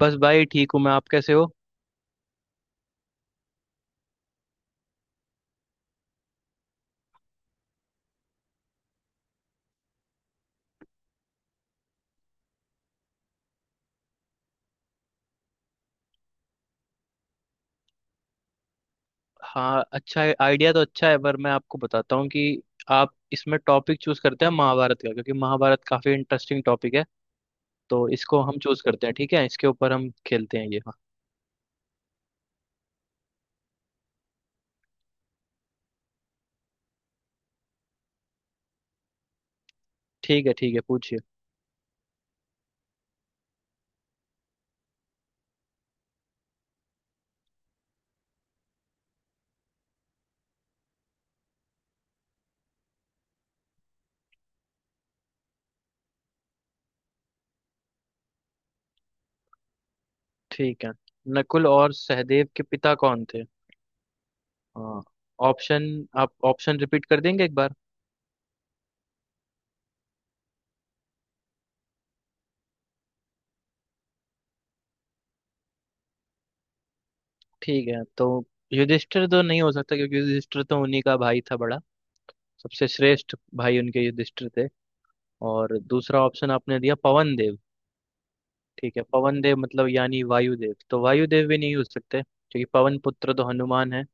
बस भाई ठीक हूँ। मैं आप कैसे हो? हाँ, अच्छा है। आइडिया तो अच्छा है पर मैं आपको बताता हूँ कि आप इसमें टॉपिक चूज करते हैं महाभारत का, क्योंकि महाभारत काफी इंटरेस्टिंग टॉपिक है। तो इसको हम चूज करते हैं, ठीक है? इसके ऊपर हम खेलते हैं ये। हाँ, ठीक है, ठीक है, पूछिए। ठीक है, नकुल और सहदेव के पिता कौन थे? हाँ, ऑप्शन, आप ऑप्शन रिपीट कर देंगे एक बार? ठीक है, तो युधिष्ठिर तो नहीं हो सकता, क्योंकि युधिष्ठिर तो उन्हीं का भाई था, बड़ा सबसे श्रेष्ठ भाई उनके युधिष्ठिर थे। और दूसरा ऑप्शन आपने दिया पवन। ठीक है, पवन देव मतलब यानी वायुदेव, तो वायुदेव भी नहीं हो सकते, क्योंकि पवन पुत्र तो हनुमान है।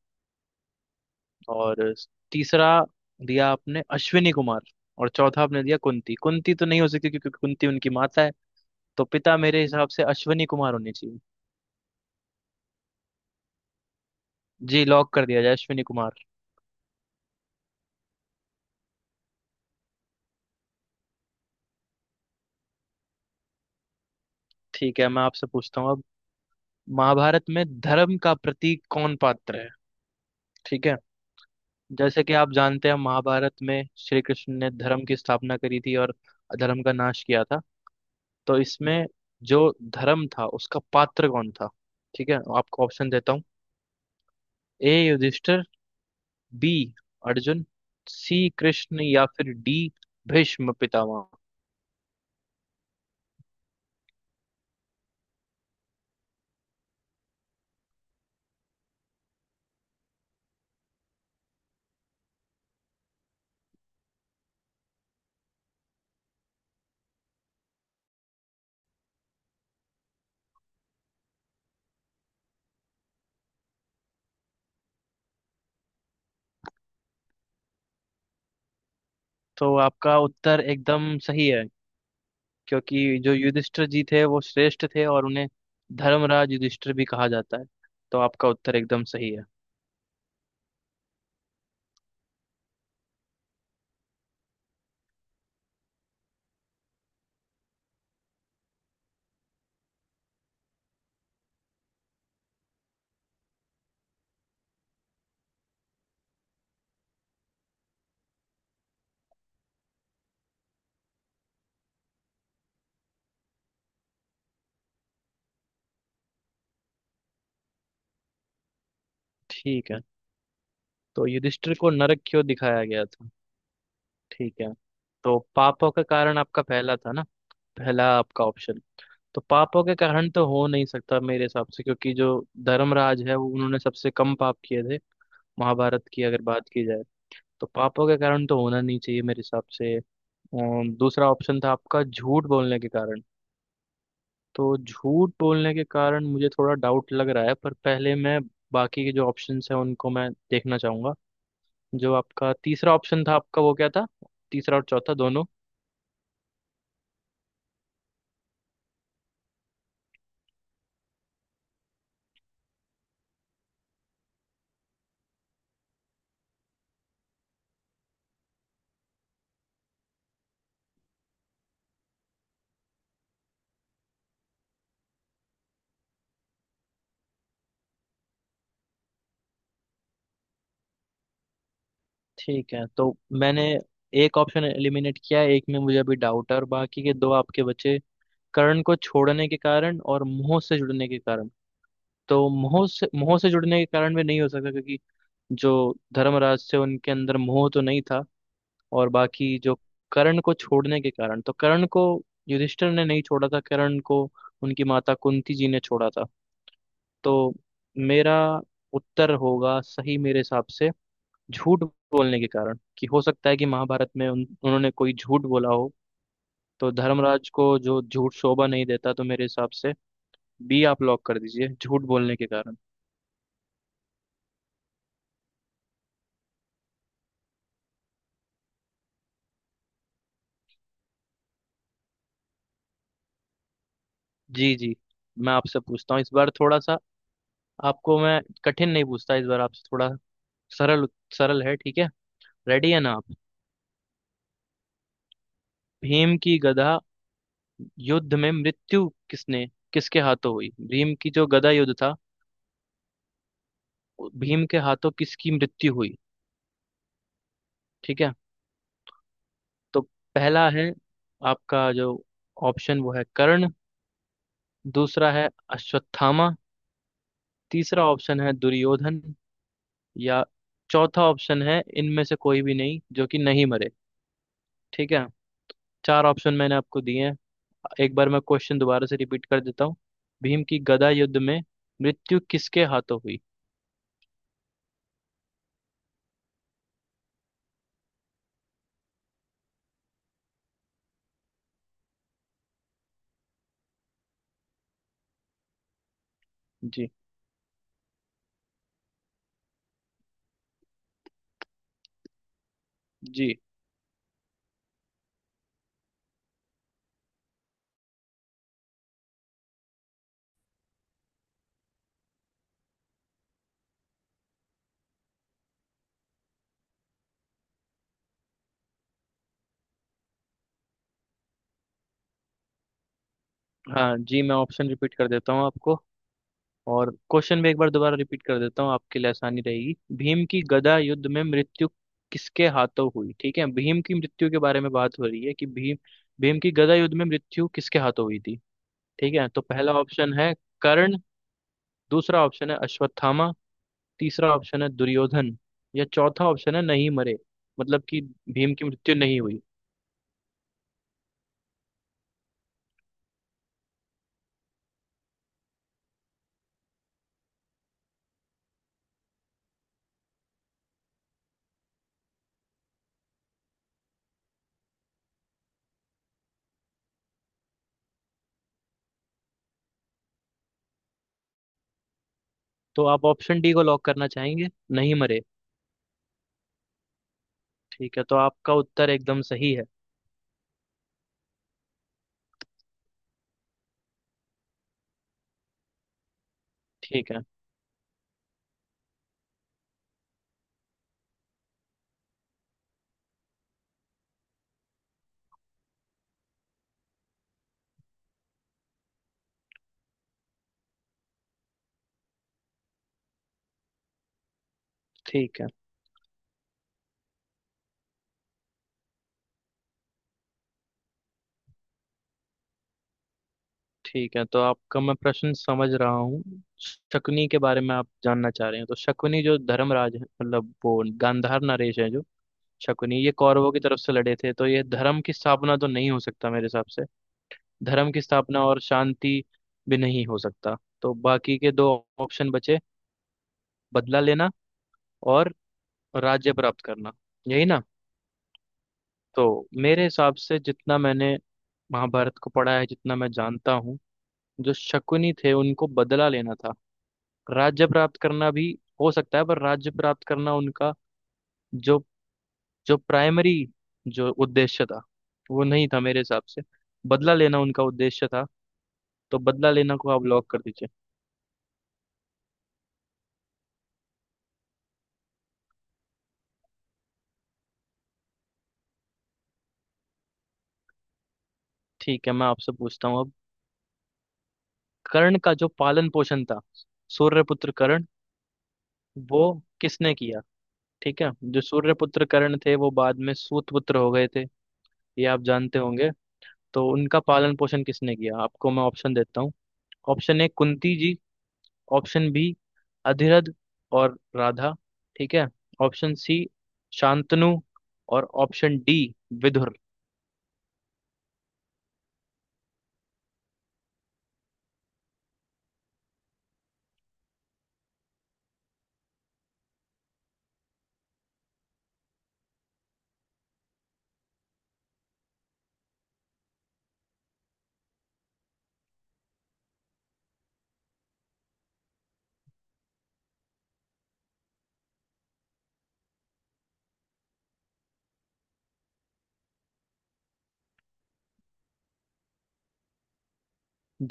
और तीसरा दिया आपने अश्विनी कुमार। और चौथा आपने दिया कुंती, कुंती तो नहीं हो सकती क्योंकि कुंती उनकी माता है। तो पिता मेरे हिसाब से अश्विनी कुमार होने चाहिए। जी, लॉक कर दिया जाए अश्विनी कुमार। ठीक है, मैं आपसे पूछता हूँ अब, महाभारत में धर्म का प्रतीक कौन पात्र है? ठीक है। जैसे कि आप जानते हैं महाभारत में श्री कृष्ण ने धर्म की स्थापना करी थी और अधर्म का नाश किया था। तो इसमें जो धर्म था उसका पात्र कौन था? ठीक है, आपको ऑप्शन देता हूँ। A Yudhishthira, B Arjun, C Krishna, या फिर डी भीष्म पितामह। तो आपका उत्तर एकदम सही है, क्योंकि जो युधिष्ठिर जी थे वो श्रेष्ठ थे और उन्हें धर्मराज युधिष्ठिर भी कहा जाता है। तो आपका उत्तर एकदम सही है। ठीक है, तो युधिष्ठिर को नरक क्यों दिखाया गया था? ठीक है, तो पापों का कारण आपका पहला था ना, पहला आपका ऑप्शन। तो पापों के कारण तो हो नहीं सकता मेरे हिसाब से, क्योंकि जो धर्मराज है वो, उन्होंने सबसे कम पाप किए थे, महाभारत की अगर बात की जाए। तो पापों के कारण तो होना नहीं चाहिए मेरे हिसाब से। दूसरा ऑप्शन था आपका झूठ बोलने के कारण। तो झूठ बोलने के कारण मुझे थोड़ा डाउट लग रहा है, पर पहले मैं बाकी के जो ऑप्शंस हैं उनको मैं देखना चाहूंगा। जो आपका तीसरा ऑप्शन था, आपका वो क्या था? तीसरा और चौथा दोनों। ठीक है, तो मैंने एक ऑप्शन एलिमिनेट किया है, एक में मुझे अभी डाउट है, और बाकी के दो आपके बचे कर्ण को छोड़ने के कारण और मोह से जुड़ने के कारण। तो मोह से जुड़ने के कारण भी नहीं हो सकता, क्योंकि जो धर्मराज थे उनके अंदर मोह तो नहीं था। और बाकी जो कर्ण को छोड़ने के कारण, तो कर्ण को युधिष्ठिर ने नहीं छोड़ा था, कर्ण को उनकी माता कुंती जी ने छोड़ा था। तो मेरा उत्तर होगा सही मेरे हिसाब से झूठ बोलने के कारण, कि हो सकता है कि महाभारत में उन्होंने कोई झूठ बोला हो। तो धर्मराज को जो झूठ शोभा नहीं देता, तो मेरे हिसाब से बी आप लॉक कर दीजिए, झूठ बोलने के कारण। जी जी, मैं आपसे पूछता हूँ इस बार थोड़ा सा, आपको मैं कठिन नहीं पूछता इस बार, आपसे थोड़ा सरल, सरल है, ठीक है? रेडी है ना आप? भीम की गदा युद्ध में मृत्यु किसने, किसके हाथों हुई? भीम की जो गदा युद्ध था, भीम के हाथों किसकी मृत्यु हुई? ठीक है, तो पहला है आपका जो ऑप्शन वो है कर्ण। दूसरा है अश्वत्थामा। तीसरा ऑप्शन है दुर्योधन। या चौथा ऑप्शन है इनमें से कोई भी नहीं, जो कि नहीं मरे। ठीक है, चार ऑप्शन मैंने आपको दिए हैं। एक बार मैं क्वेश्चन दोबारा से रिपीट कर देता हूँ। भीम की गदा युद्ध में मृत्यु किसके हाथों हुई? जी। जी। हाँ जी, मैं ऑप्शन रिपीट कर देता हूँ आपको, और क्वेश्चन भी एक बार दोबारा रिपीट कर देता हूँ, आपके लिए आसानी रहेगी। भीम की गदा युद्ध में मृत्यु किसके हाथों हुई? ठीक है, भीम की मृत्यु के बारे में बात हो रही है कि भीम, भीम की गदा युद्ध में मृत्यु किसके हाथों हुई थी? ठीक है, तो पहला ऑप्शन है कर्ण। दूसरा ऑप्शन है अश्वत्थामा। तीसरा ऑप्शन है दुर्योधन। या चौथा ऑप्शन है नहीं मरे, मतलब कि भीम की मृत्यु नहीं हुई। तो आप ऑप्शन डी को लॉक करना चाहेंगे, नहीं मरे? ठीक है, तो आपका उत्तर एकदम सही है। ठीक है। ठीक है, ठीक है, तो आपका मैं प्रश्न समझ रहा हूँ, शकुनी के बारे में आप जानना चाह रहे हैं। तो शकुनी जो धर्मराज है मतलब वो गांधार नरेश है, जो शकुनी ये कौरवों की तरफ से लड़े थे। तो ये धर्म की स्थापना तो नहीं हो सकता मेरे हिसाब से। धर्म की स्थापना और शांति भी नहीं हो सकता। तो बाकी के दो ऑप्शन बचे, बदला लेना और राज्य प्राप्त करना, यही ना? तो मेरे हिसाब से जितना मैंने महाभारत को पढ़ा है, जितना मैं जानता हूँ, जो शकुनी थे उनको बदला लेना था। राज्य प्राप्त करना भी हो सकता है, पर राज्य प्राप्त करना उनका जो, जो प्राइमरी जो उद्देश्य था, वो नहीं था मेरे हिसाब से। बदला लेना उनका उद्देश्य था। तो बदला लेना को आप लॉक कर दीजिए। ठीक है, मैं आपसे पूछता हूँ अब, कर्ण का जो पालन पोषण था, सूर्यपुत्र कर्ण, वो किसने किया? ठीक है, जो सूर्यपुत्र कर्ण थे वो बाद में सूतपुत्र हो गए थे, ये आप जानते होंगे। तो उनका पालन पोषण किसने किया? आपको मैं ऑप्शन देता हूँ। Option A Kunti ji. Option B Adhirath और राधा। ठीक है। Option C Shantanu. और ऑप्शन डी विदुर।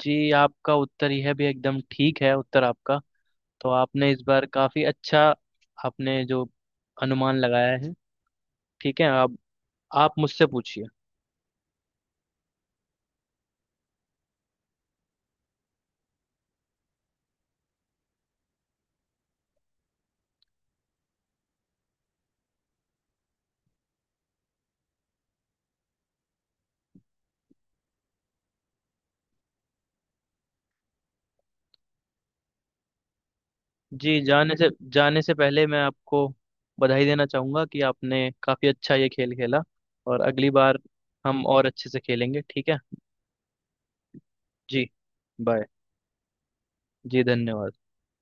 जी, आपका उत्तर यह भी एकदम ठीक है, उत्तर आपका। तो आपने इस बार काफी अच्छा, आपने जो अनुमान लगाया है। ठीक है, अब आप मुझसे पूछिए। जी, जाने से पहले मैं आपको बधाई देना चाहूंगा कि आपने काफी अच्छा ये खेल खेला, और अगली बार हम और अच्छे से खेलेंगे, ठीक है? जी, बाय। जी धन्यवाद।